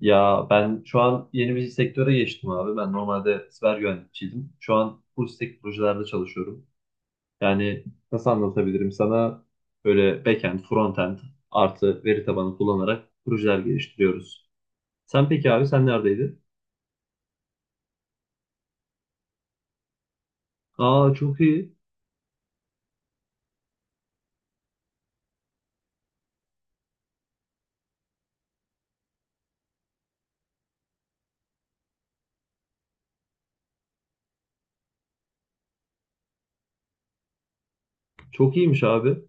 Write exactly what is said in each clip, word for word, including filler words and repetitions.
Ya ben şu an yeni bir sektöre geçtim abi. Ben normalde siber güvenlikçiydim. Şu an full stack projelerde çalışıyorum. Yani nasıl anlatabilirim sana? Böyle backend, frontend artı veri tabanı kullanarak projeler geliştiriyoruz. Sen peki abi sen neredeydin? Aa çok iyi. Çok iyiymiş abi.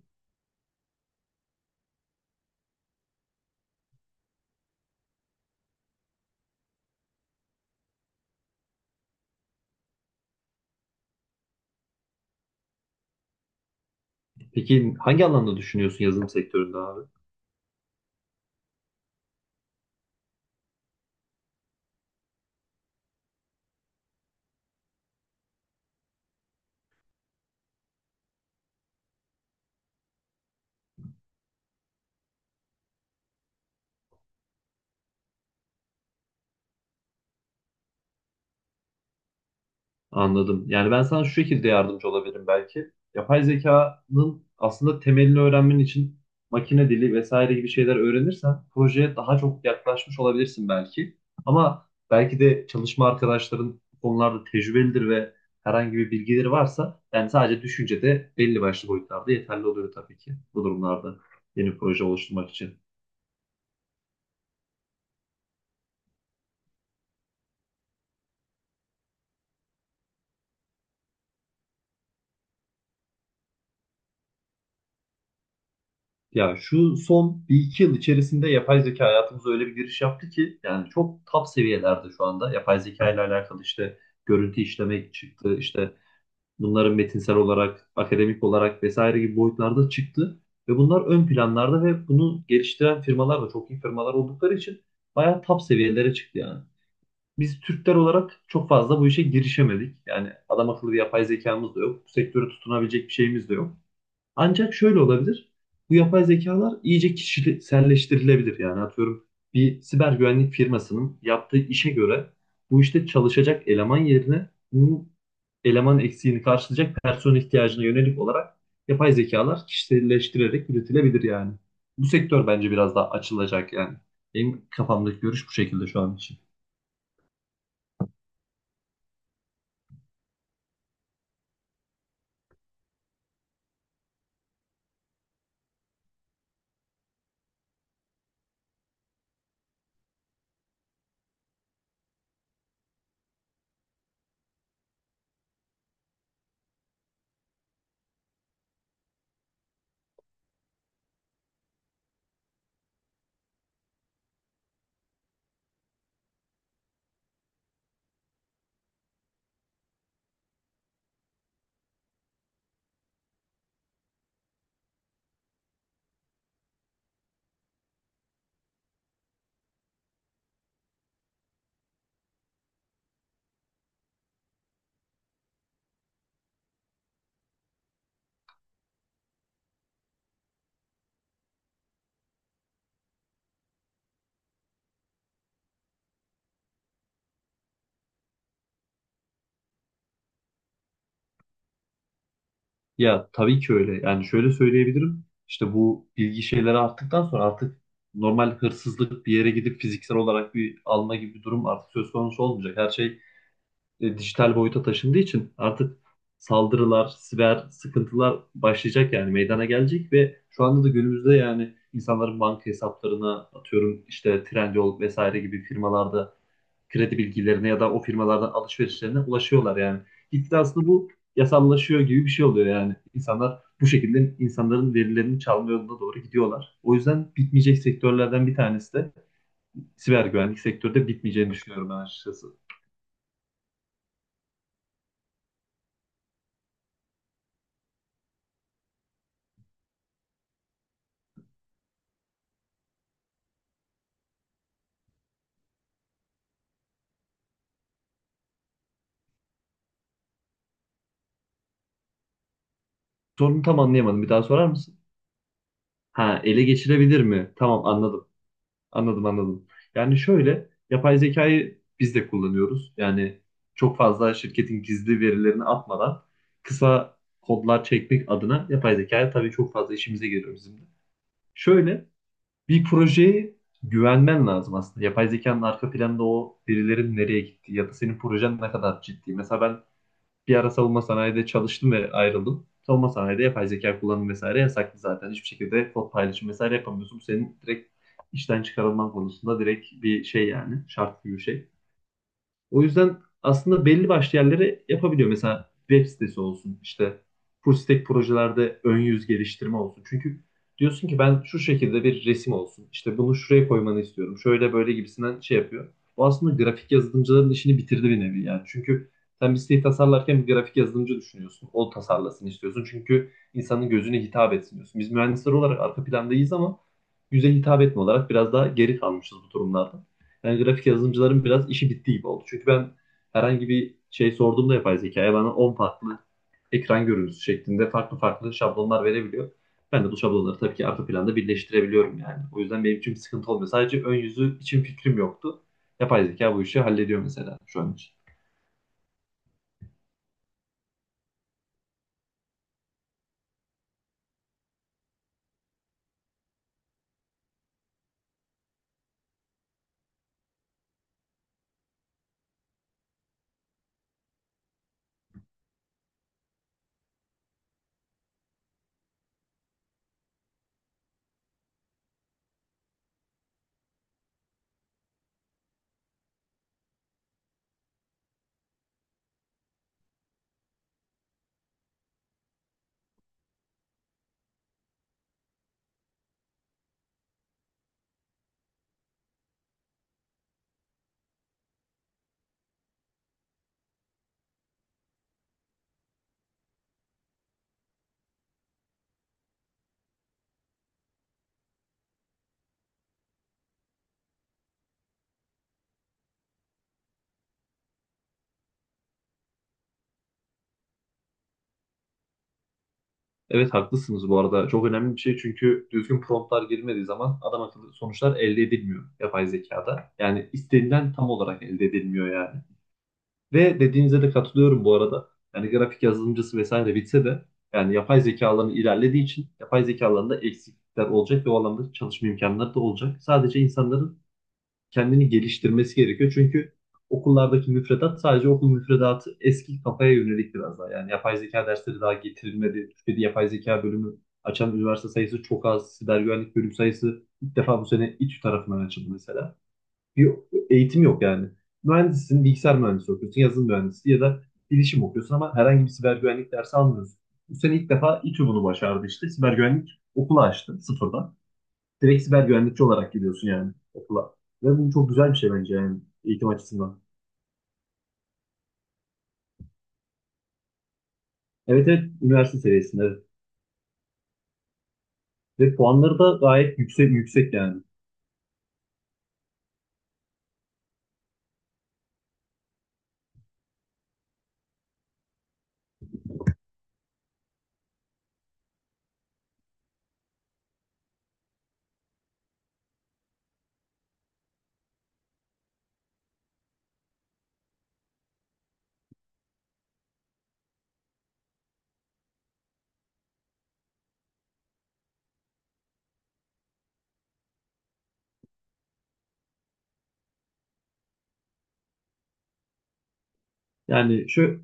Peki hangi alanda düşünüyorsun yazılım sektöründe abi? Anladım. Yani ben sana şu şekilde yardımcı olabilirim belki. Yapay zekanın aslında temelini öğrenmen için makine dili vesaire gibi şeyler öğrenirsen projeye daha çok yaklaşmış olabilirsin belki. Ama belki de çalışma arkadaşların bu konularda tecrübelidir ve herhangi bir bilgileri varsa yani sadece düşünce de belli başlı boyutlarda yeterli oluyor tabii ki bu durumlarda yeni proje oluşturmak için. Ya şu son bir iki yıl içerisinde yapay zeka hayatımıza öyle bir giriş yaptı ki yani çok top seviyelerde şu anda yapay zeka ile alakalı işte görüntü işleme çıktı, işte bunların metinsel olarak, akademik olarak vesaire gibi boyutlarda çıktı ve bunlar ön planlarda, ve bunu geliştiren firmalar da çok iyi firmalar oldukları için bayağı top seviyelere çıktı yani. Biz Türkler olarak çok fazla bu işe girişemedik. Yani adam akıllı bir yapay zekamız da yok. Bu sektöre tutunabilecek bir şeyimiz de yok. Ancak şöyle olabilir. Bu yapay zekalar iyice kişiselleştirilebilir. Yani atıyorum bir siber güvenlik firmasının yaptığı işe göre bu işte çalışacak eleman yerine bu eleman eksiğini karşılayacak personel ihtiyacına yönelik olarak yapay zekalar kişiselleştirerek üretilebilir yani. Bu sektör bence biraz daha açılacak yani. Benim kafamdaki görüş bu şekilde şu an için. Ya tabii ki öyle. Yani şöyle söyleyebilirim. İşte bu bilgi şeyleri arttıktan sonra artık normal hırsızlık, bir yere gidip fiziksel olarak bir alma gibi bir durum artık söz konusu olmayacak. Her şey e, dijital boyuta taşındığı için artık saldırılar, siber sıkıntılar başlayacak yani meydana gelecek, ve şu anda da günümüzde yani insanların banka hesaplarına atıyorum işte Trendyol vesaire gibi firmalarda kredi bilgilerine ya da o firmalardan alışverişlerine ulaşıyorlar yani. Gitgide aslında bu yasallaşıyor gibi bir şey oluyor yani. İnsanlar bu şekilde insanların verilerini çalma yoluna doğru gidiyorlar. O yüzden bitmeyecek sektörlerden bir tanesi de siber güvenlik sektörü de, bitmeyeceğini düşünüyorum ben açıkçası. Sorunu tam anlayamadım. Bir daha sorar mısın? Ha, ele geçirebilir mi? Tamam, anladım. Anladım anladım. Yani şöyle, yapay zekayı biz de kullanıyoruz. Yani çok fazla şirketin gizli verilerini atmadan kısa kodlar çekmek adına yapay zekaya tabii çok fazla işimize geliyor bizim de. Şöyle bir projeye güvenmen lazım aslında. Yapay zekanın arka planda o verilerin nereye gittiği ya da senin projen ne kadar ciddi. Mesela ben bir ara savunma sanayide çalıştım ve ayrıldım. Savunma sanayide yapay zeka kullanım vesaire yasaklı zaten. Hiçbir şekilde kod paylaşım vesaire yapamıyorsun. Bu senin direkt işten çıkarılman konusunda direkt bir şey yani. Şart gibi bir şey. O yüzden aslında belli başlı yerlere yapabiliyor. Mesela web sitesi olsun, işte full stack projelerde ön yüz geliştirme olsun. Çünkü diyorsun ki ben şu şekilde bir resim olsun, işte bunu şuraya koymanı istiyorum, şöyle böyle gibisinden şey yapıyor. O aslında grafik yazılımcıların işini bitirdi bir nevi yani. Çünkü sen bir siteyi tasarlarken bir grafik yazılımcı düşünüyorsun. O tasarlasın istiyorsun. Çünkü insanın gözüne hitap etsin diyorsun. Biz mühendisler olarak arka plandayız ama yüze hitap etme olarak biraz daha geri kalmışız bu durumlarda. Yani grafik yazılımcıların biraz işi bitti gibi oldu. Çünkü ben herhangi bir şey sorduğumda yapay zekaya bana on farklı ekran görüntüsü şeklinde farklı farklı şablonlar verebiliyor. Ben de bu şablonları tabii ki arka planda birleştirebiliyorum yani. O yüzden benim için bir sıkıntı olmuyor. Sadece ön yüzü için fikrim yoktu. Yapay zeka bu işi hallediyor mesela şu an için. Evet, haklısınız bu arada. Çok önemli bir şey, çünkü düzgün promptlar girmediği zaman adam akıllı sonuçlar elde edilmiyor yapay zekada. Yani istenilen tam olarak elde edilmiyor yani. Ve dediğinize de katılıyorum bu arada. Yani grafik yazılımcısı vesaire bitse de yani yapay zekaların ilerlediği için yapay zekalarında eksiklikler olacak ve o alanda çalışma imkanları da olacak. Sadece insanların kendini geliştirmesi gerekiyor. Çünkü okullardaki müfredat, sadece okul müfredatı eski kafaya yönelik biraz daha. Yani yapay zeka dersleri daha getirilmedi. Türkiye'de yapay zeka bölümü açan üniversite sayısı çok az. Siber güvenlik bölüm sayısı ilk defa bu sene İTÜ tarafından açıldı mesela, bir eğitim yok yani. Mühendissin, bilgisayar mühendisi okuyorsun, yazılım mühendisi ya da bilişim okuyorsun ama herhangi bir siber güvenlik dersi almıyorsun. Bu sene ilk defa İTÜ bunu başardı işte. Siber güvenlik okulu açtı sıfırdan. Direkt siber güvenlikçi olarak gidiyorsun yani okula. Ve bu çok güzel bir şey bence yani, eğitim açısından. Evet, evet üniversite seviyesinde. Evet. Ve puanları da gayet yüksek yüksek yani. Yani şu,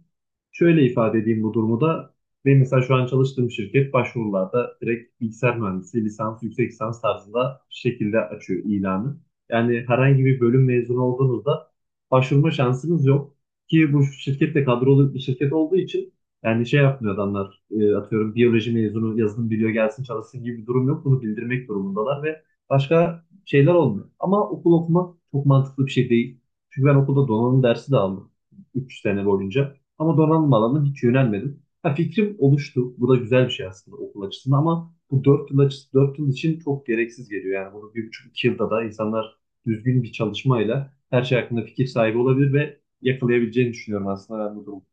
şöyle ifade edeyim bu durumu da. Benim mesela şu an çalıştığım şirket başvurularda direkt bilgisayar mühendisi, lisans, yüksek lisans tarzında şekilde açıyor ilanı. Yani herhangi bir bölüm mezunu olduğunuzda başvurma şansınız yok. Ki bu şirket de kadrolu bir şirket olduğu için yani şey yapmıyor adamlar. E, atıyorum biyoloji mezunu yazılım biliyor gelsin çalışsın gibi bir durum yok. Bunu bildirmek durumundalar ve başka şeyler olmuyor. Ama okul okumak çok mantıklı bir şey değil. Çünkü ben okulda donanım dersi de aldım üç sene boyunca. Ama donanım alanına hiç yönelmedim. Ha, fikrim oluştu. Bu da güzel bir şey aslında okul açısından, ama bu dört yıl açısı dört yıl için çok gereksiz geliyor. Yani bunu bir buçuk iki yılda da insanlar düzgün bir çalışmayla her şey hakkında fikir sahibi olabilir ve yakalayabileceğini düşünüyorum aslında ben bu durumu.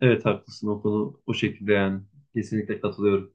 Evet, haklısın o konu o şekilde yani. Kesinlikle katılıyorum.